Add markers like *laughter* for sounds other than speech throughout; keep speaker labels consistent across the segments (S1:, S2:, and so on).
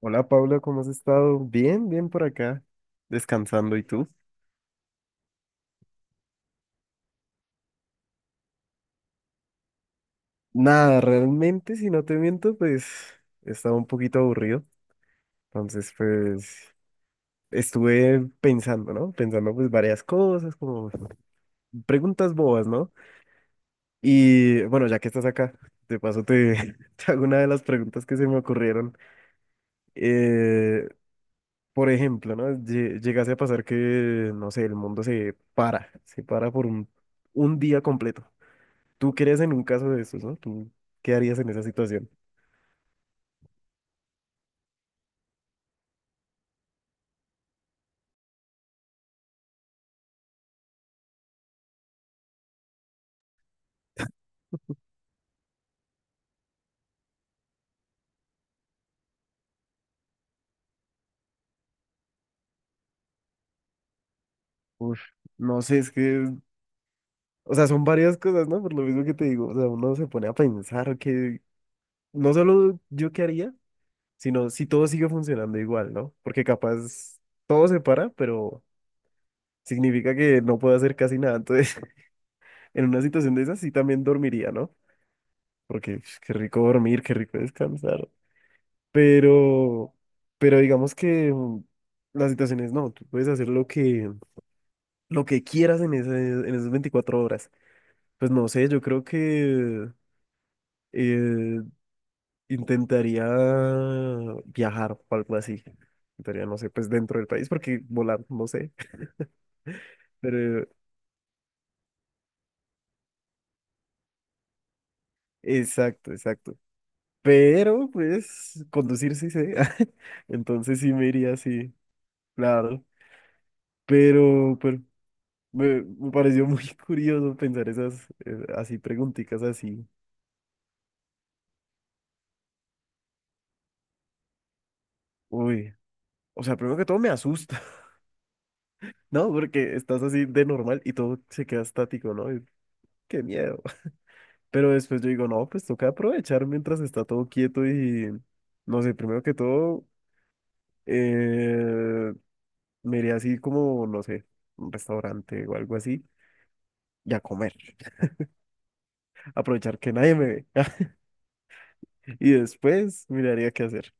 S1: Hola Pablo, ¿cómo has estado? Bien, bien por acá, descansando. ¿Y tú? Nada, realmente, si no te miento, pues estaba un poquito aburrido. Entonces, pues estuve pensando, ¿no? Pensando pues varias cosas, como preguntas bobas, ¿no? Y bueno, ya que estás acá, de paso te, *laughs* te hago una de las preguntas que se me ocurrieron. Eh, por ejemplo, ¿no? ¿Llegase a pasar que, no sé, el mundo se para, se para por un día completo? ¿Tú crees en un caso de esos, no? ¿Tú qué harías en esa situación? Uf, no sé, es que, o sea, son varias cosas, ¿no? Por lo mismo que te digo, o sea, uno se pone a pensar que no solo yo qué haría, sino si todo sigue funcionando igual, ¿no? Porque capaz todo se para, pero significa que no puedo hacer casi nada. Entonces, *laughs* en una situación de esas sí también dormiría, ¿no? Porque pf, qué rico dormir, qué rico descansar. Pero, pero digamos que las situaciones no, tú puedes hacer lo que quieras en en esas 24 horas. Pues no sé, yo creo que eh, intentaría viajar o algo así. Intentaría, no sé, pues dentro del país, porque volar, no sé. *laughs* Pero, exacto, exacto. Pero, pues, conducir sí sé. *laughs* Entonces sí me iría así, claro. Pero me pareció muy *laughs* curioso pensar esas, así, preguntitas así. Uy, o sea, primero que todo me asusta. No, porque estás así de normal y todo se queda estático, ¿no? Y, qué miedo. *laughs* Pero después yo digo, no, pues toca aprovechar mientras está todo quieto y, no sé, primero que todo, eh, me iría así como, no sé, un restaurante o algo así y a comer. *laughs* Aprovechar que nadie me ve. *laughs* Y después miraría qué hacer.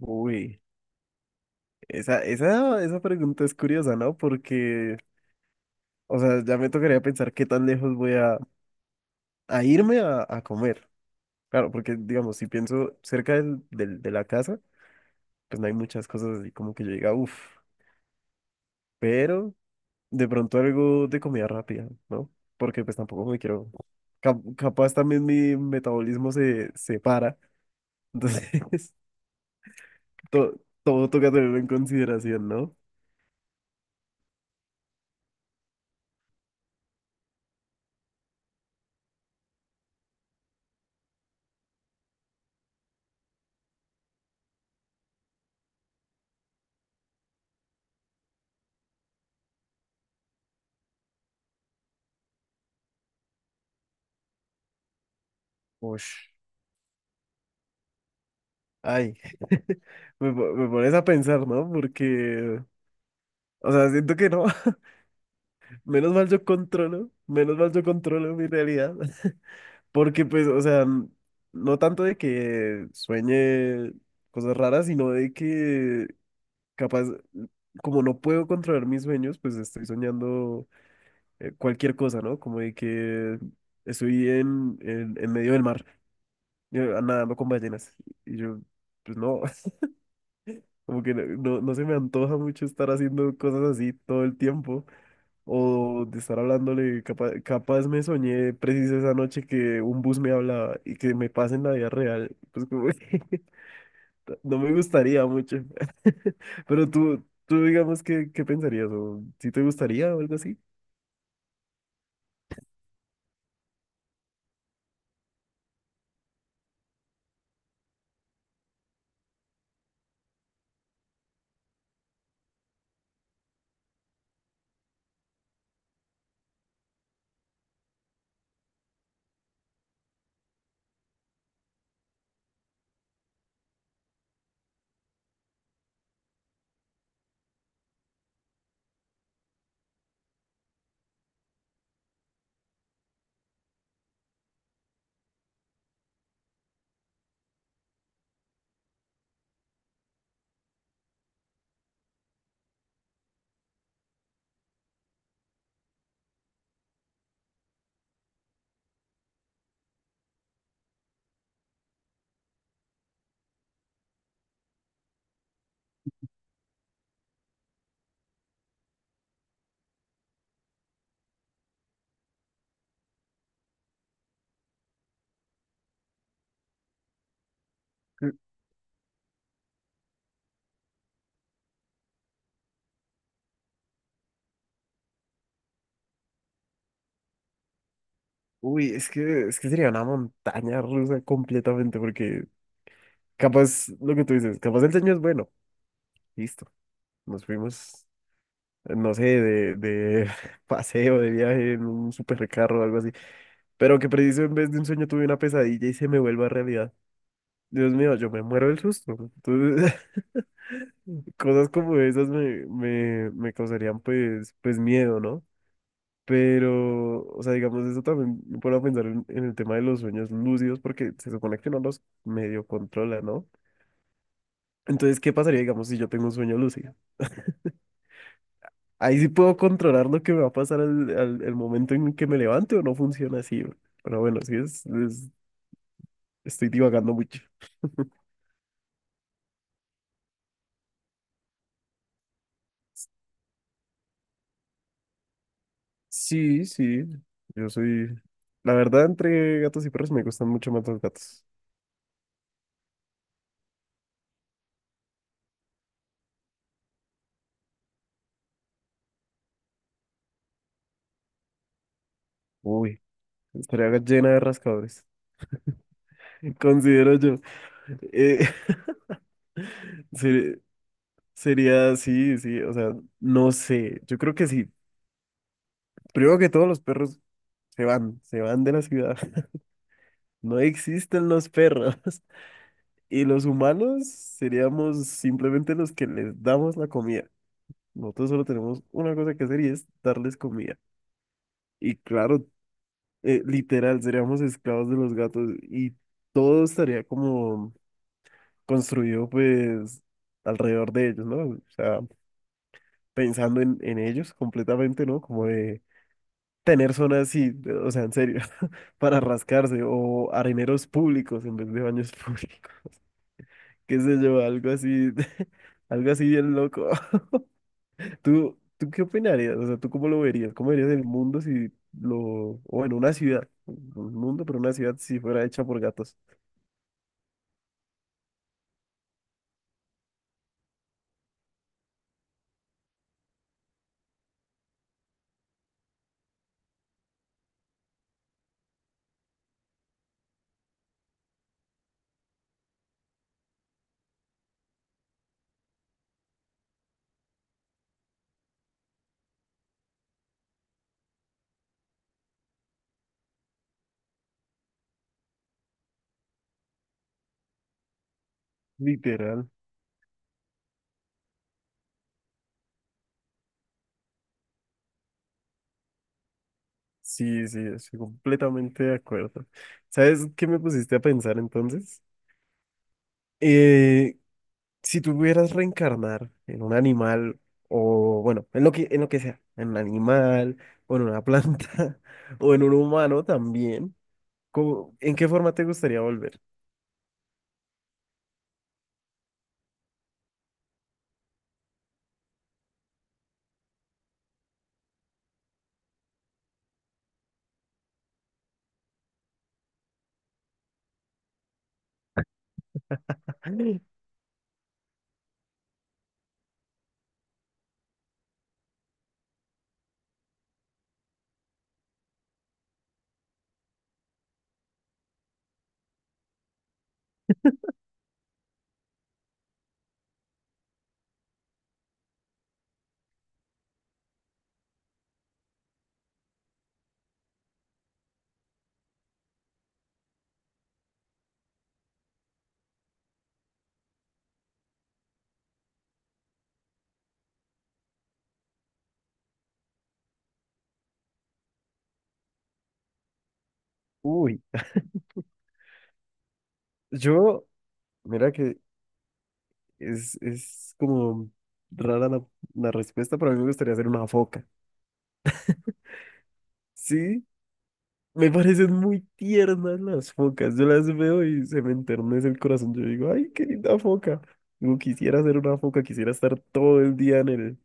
S1: Uy, esa pregunta es curiosa, ¿no? Porque, o sea, ya me tocaría pensar qué tan lejos a irme a comer. Claro, porque digamos, si pienso cerca de la casa, pues no hay muchas cosas así como que yo diga, uff, pero de pronto algo de comida rápida, ¿no? Porque pues tampoco me quiero, capaz también mi metabolismo se para, entonces *laughs* todo toca tenerlo en consideración, ¿no? Ush. Ay, *laughs* me pones a pensar, ¿no? Porque, o sea, siento que no, *laughs* menos mal yo controlo, menos mal yo controlo mi realidad. Porque pues, o sea, no tanto de que sueñe cosas raras, sino de que capaz, como no puedo controlar mis sueños, pues estoy soñando cualquier cosa, ¿no? Como de que estoy en medio del mar, yo nadando con ballenas. Y yo, pues no, *laughs* como que no, no se me antoja mucho estar haciendo cosas así todo el tiempo, o de estar hablándole, capaz, me soñé preciso esa noche que un bus me hablaba y que me pase en la vida real, pues como que *laughs* no me gustaría mucho. *laughs* Pero tú digamos, qué pensarías? ¿O si te gustaría o algo así? Eh, Uy, es que sería una montaña rusa completamente, porque capaz, lo que tú dices, capaz el sueño es bueno, listo, nos fuimos, no sé, de *laughs* paseo, de viaje en un supercarro o algo así. Pero que preciso en vez de un sueño tuve una pesadilla y se me vuelva realidad. Dios mío, yo me muero del susto. Entonces, *laughs* cosas como esas me causarían pues, pues miedo, ¿no? Pero, o sea, digamos, eso también me pone a pensar en el tema de los sueños lúcidos porque se supone que no los medio controla, ¿no? Entonces, ¿qué pasaría, digamos, si yo tengo un sueño lúcido? Ahí sí puedo controlar lo que me va a pasar el momento en que me levante o no funciona así. Pero bueno, estoy divagando mucho. Sí, sí, yo soy... La verdad, entre gatos y perros me gustan mucho más los gatos. Uy, estaría llena de rascadores. *laughs* Considero yo. Eh, *laughs* ser- sería, sí, sí, o sea, no sé, yo creo que sí. Primero que todos los perros se van de la ciudad. *laughs* No existen los perros. *laughs* Y los humanos seríamos simplemente los que les damos la comida. Nosotros solo tenemos una cosa que hacer y es darles comida. Y claro, literal, seríamos esclavos de los gatos y todo estaría como construido pues alrededor de ellos, ¿no? O sea, pensando en ellos completamente, ¿no? Como de tener zonas así, de- o sea, en serio, *laughs* para rascarse o areneros públicos en vez de baños públicos, *laughs* qué sé yo, algo así, *laughs* algo así bien loco. *laughs* ¿Tú, tú qué opinarías? O sea, ¿tú cómo lo verías? ¿Cómo verías el mundo si lo, o en una ciudad, un mundo, pero una ciudad si fuera hecha por gatos? Literal. Sí, sí, estoy completamente de acuerdo. ¿Sabes qué me pusiste a pensar entonces? Eh, si tuvieras reencarnar en un animal o, bueno, en lo que sea, en un animal o en una planta *laughs* o en un humano también, ¿cómo- ¿en qué forma te gustaría volver? Uy, yo, mira que es como rara la, la respuesta, pero a mí me gustaría ser una foca. Sí, me parecen muy tiernas las focas. Yo las veo y se me enternece el corazón. Yo digo, ay, qué linda foca. Digo, quisiera ser una foca, quisiera estar todo el día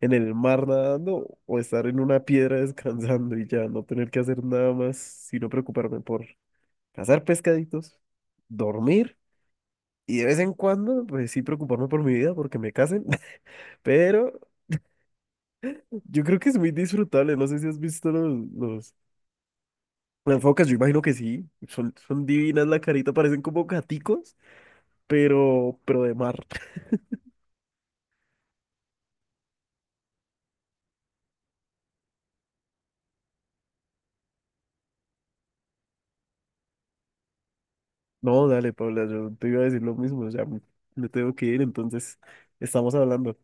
S1: en el mar nadando o estar en una piedra *laughs* descansando y ya no tener que hacer nada más, sino preocuparme por cazar pescaditos, dormir y de vez en cuando, pues sí, preocuparme por mi vida porque me casen. *laughs* Pero yo creo que es muy disfrutable. No sé si has visto los, las focas, yo imagino que sí. Son, son divinas la carita, parecen como gaticos, pero de mar. No, dale, Paula, yo te iba a decir lo mismo. Ya me tengo que ir, entonces estamos hablando.